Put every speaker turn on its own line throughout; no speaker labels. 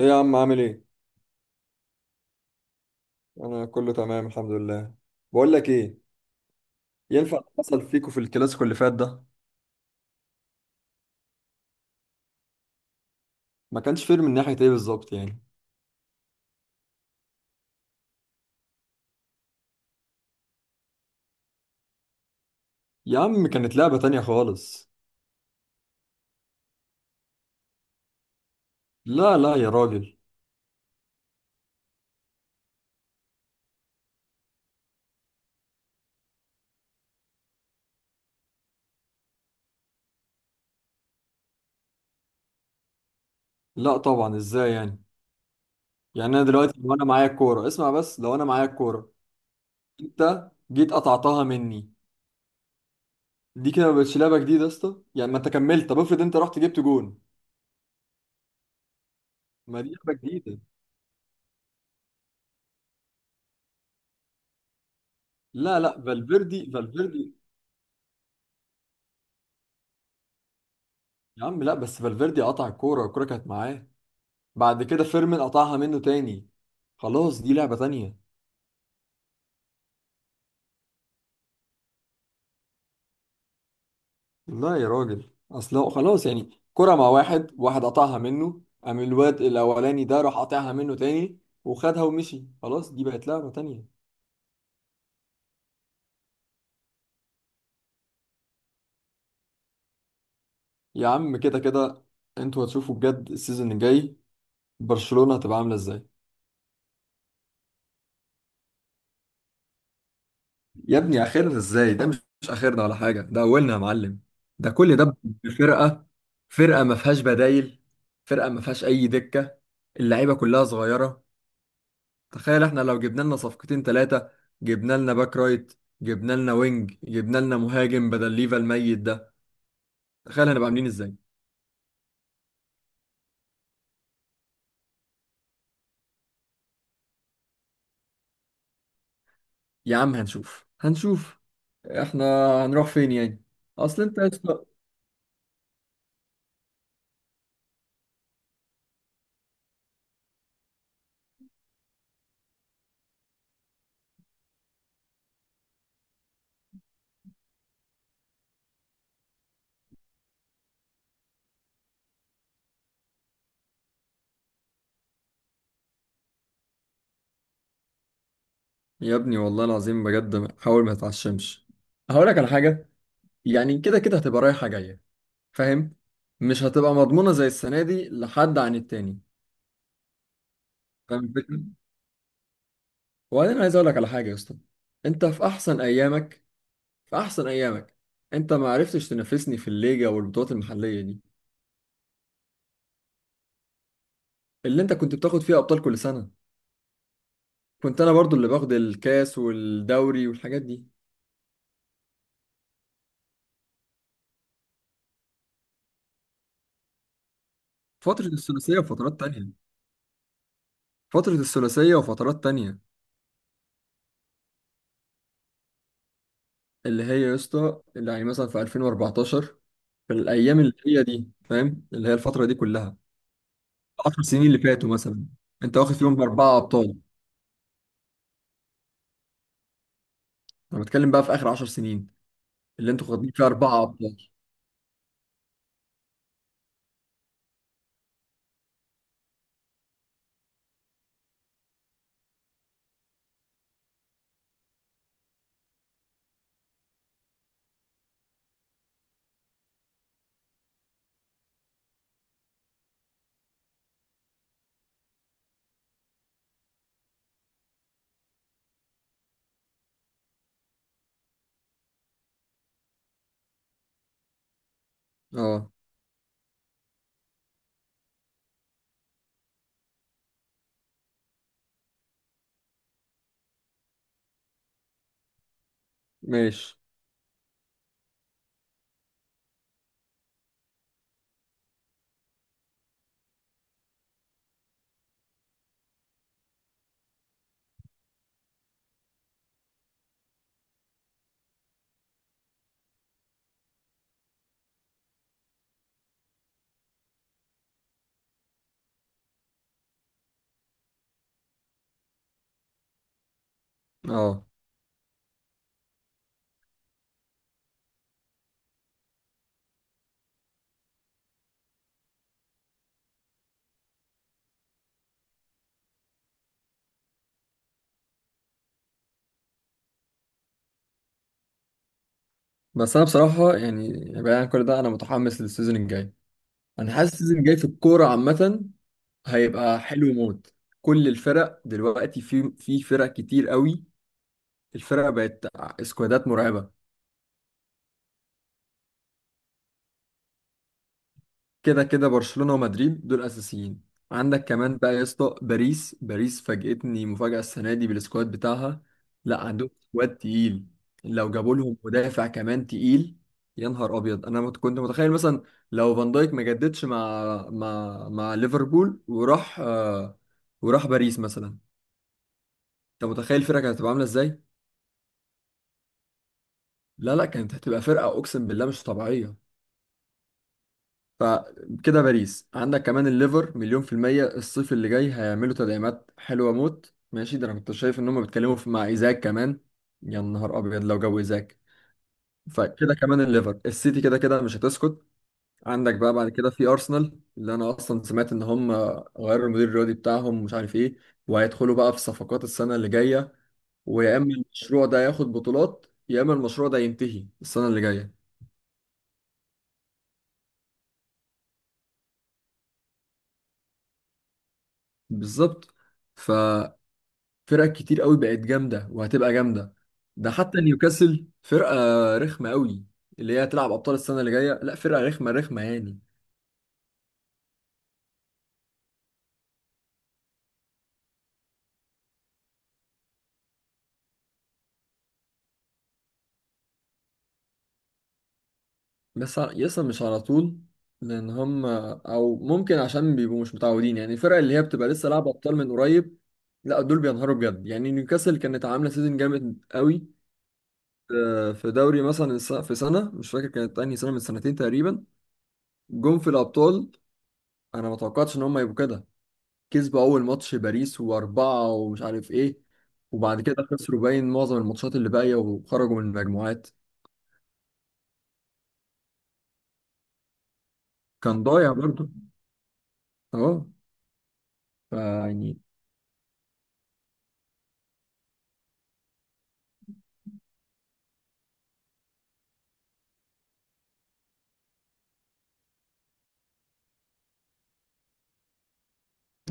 ايه يا عم عامل ايه؟ انا كله تمام الحمد لله. بقول لك ايه، ينفع اللي حصل فيكو في الكلاسيكو اللي فات ده؟ ما كانش فير من ناحية ايه بالظبط يعني؟ يا عم كانت لعبة تانية خالص. لا يا راجل. لا طبعا، ازاي يعني؟ يعني انا دلوقتي لو انا معايا الكورة، اسمع بس لو انا معايا الكورة انت جيت قطعتها مني، دي كده ما بقتش لعبة جديدة يا اسطى. يعني ما انت كملت، طب افرض انت رحت جبت جون، ما دي لعبة جديدة. لا فالفيردي، فالفيردي يا عم لا بس فالفيردي قطع الكورة، الكورة كانت معاه، بعد كده فيرمين قطعها منه تاني، خلاص دي لعبة تانية. لا يا راجل، اصل هو خلاص، يعني كرة مع واحد واحد، قطعها منه، قام الواد الاولاني ده راح قاطعها منه تاني وخدها ومشي، خلاص دي بقت لعبة تانية. يا عم كده كده انتوا هتشوفوا بجد السيزون الجاي برشلونة هتبقى عاملة ازاي. يا ابني اخرنا ازاي؟ ده مش اخرنا ولا حاجة، ده اولنا يا معلم. ده كل ده بفرقة، فرقة ما فيهاش بدايل، فرقة ما فيهاش اي دكة، اللعيبة كلها صغيرة. تخيل احنا لو جبنا لنا صفقتين ثلاثة، جبنا لنا باك رايت، جبنا لنا وينج، جبنا لنا مهاجم بدل ليفا الميت ده، تخيل هنبقى عاملين ازاي. يا عم هنشوف هنشوف، احنا هنروح فين يعني؟ اصل انت يا اسطى- يا ابني والله العظيم بجد حاول ما تتعشمش. هقول لك على حاجة، يعني كده كده هتبقى رايحة جاية، فاهم؟ مش هتبقى مضمونة زي السنة دي لحد عن التاني. فاهم الفكرة؟ وبعدين عايز اقول لك على حاجة يا اسطى، انت في احسن ايامك، في احسن ايامك انت ما عرفتش تنافسني في الليجا والبطولات المحليه دي، اللي انت كنت بتاخد فيها ابطال كل سنه كنت انا برضو اللي باخد الكاس والدوري والحاجات دي. فتره الثلاثيه وفترات تانية، فتره الثلاثيه وفترات تانية، اللي هي يا اسطى اللي يعني مثلا في 2014، في الايام اللي هي دي، فاهم؟ اللي هي الفتره دي كلها، 10 سنين اللي فاتوا مثلا، انت واخد فيهم باربعه ابطال. انا بتكلم بقى في اخر 10 سنين اللي انتوا واخدين فيها اربعه ابطال. اه ماشي. اه بس انا بصراحه يعني، بعيد عن كل ده انا متحمس للسيزون الجاي. انا حاسس السيزون الجاي في الكوره عامه هيبقى حلو موت. كل الفرق دلوقتي، في فرق كتير قوي، الفرق بقت سكوادات مرعبه. كده كده برشلونة ومدريد دول اساسيين. عندك كمان بقى يا اسطى باريس، باريس فاجئتني مفاجأة السنة دي بالسكواد بتاعها. لا عندهم سكواد تقيل، لو جابوا لهم مدافع كمان تقيل، يا نهار ابيض. كنت متخيل مثلا لو فان دايك ما جددش مع مع ليفربول وراح آه، وراح باريس مثلا، انت متخيل الفرقة كانت هتبقى عاملة ازاي؟ لا كانت هتبقى فرقة اقسم بالله مش طبيعية. فكده باريس، عندك كمان الليفر مليون في المية الصيف اللي جاي هيعملوا تدعيمات حلوة موت. ماشي، ده انا كنت شايف ان هم بيتكلموا في مع ايزاك كمان، يا نهار ابيض لو جو ايزاك. فكده كمان الليفر، السيتي كده كده مش هتسكت. عندك بقى بعد كده في ارسنال، اللي انا اصلا سمعت ان هم غيروا المدير الرياضي بتاعهم مش عارف ايه، وهيدخلوا بقى في صفقات السنة اللي جاية، ويا اما المشروع ده ياخد بطولات يا اما المشروع ده ينتهي السنة اللي جاية. بالظبط. ف فرق كتير قوي بقت جامده وهتبقى جامده. ده حتى نيوكاسل فرقه رخمه قوي، اللي هي هتلعب ابطال السنه اللي جايه، لا فرقه رخمه يعني. يسطا مش على طول، لان هم او ممكن عشان بيبقوا مش متعودين يعني، الفرق اللي هي بتبقى لسه لعبه ابطال من قريب لا دول بينهاروا بجد. يعني نيوكاسل كانت عامله سيزون جامد قوي، آه، في دوري مثلا في سنه مش فاكر كانت انهي سنه، من سنتين تقريبا، جم في الابطال، انا ما توقعتش ان هم يبقوا كده. كسبوا اول ماتش باريس واربعة ومش عارف ايه، وبعد كده خسروا باين معظم الماتشات اللي باقية وخرجوا من المجموعات. كان ضايع برضه. اه. فا يعني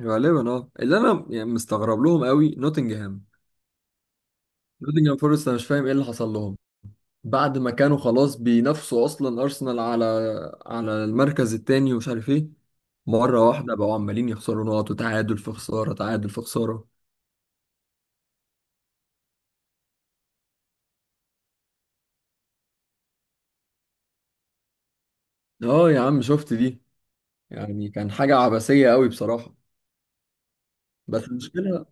غالبا اه. اللي انا يعني مستغرب لهم قوي نوتنجهام، نوتنجهام فورست انا مش فاهم ايه اللي حصل لهم، بعد ما كانوا خلاص بينافسوا اصلا ارسنال على المركز التاني ومش عارف ايه، مرة واحدة بقوا عمالين يخسروا نقط، وتعادل في خسارة تعادل في خسارة. اه يا عم شفت دي، يعني كان حاجة عبثية قوي بصراحة. بس المشكلة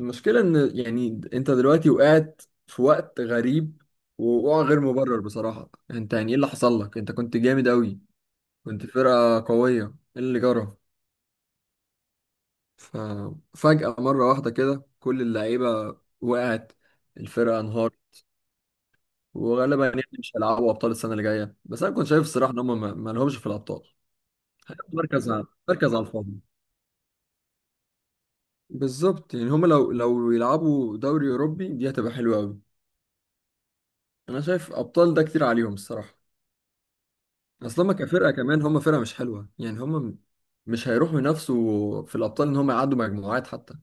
المشكلة إن يعني أنت دلوقتي وقعت في وقت غريب، ووقوع غير مبرر بصراحة. أنت يعني إيه اللي حصل لك؟ أنت كنت جامد أوي، كنت فرقة قوية، إيه اللي جرى؟ ففجأة مرة واحدة كده كل اللعيبة وقعت، الفرقة انهارت، وغالبا يعني مش هيلعبوا أبطال السنة اللي جاية. بس أنا كنت شايف الصراحة إن هم ما لهمش في الأبطال. مركز على الفاضي، بالظبط. يعني هم لو يلعبوا دوري أوروبي دي هتبقى حلوة أوي. أنا شايف أبطال ده كتير عليهم الصراحة. اصل هم كفرقه كمان، هم فرقه مش حلوه يعني، هم مش هيروحوا ينافسوا في الابطال ان هم يعدوا مجموعات حتى.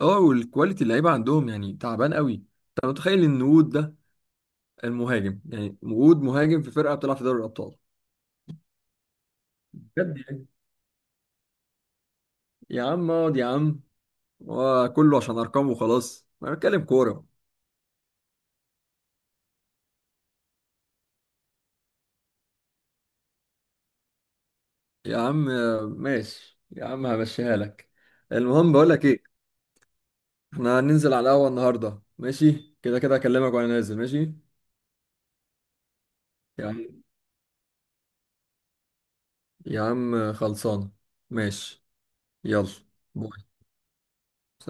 اه والكواليتي اللعيبه عندهم يعني تعبان قوي. انت متخيل ان وود ده المهاجم، يعني وود مهاجم في فرقه بتلعب في دوري الابطال، بجد يعني. يا عم اقعد يا عم، وكله عشان ارقام وخلاص، انا بتكلم كوره. يا عم آه، ماشي يا عم همشيها لك. المهم بقول لك ايه، احنا هننزل على القهوه النهارده، ماشي كده كده اكلمك وانا نازل. ماشي يا عم، يا عم خلصانة. ماشي، يلا، باي.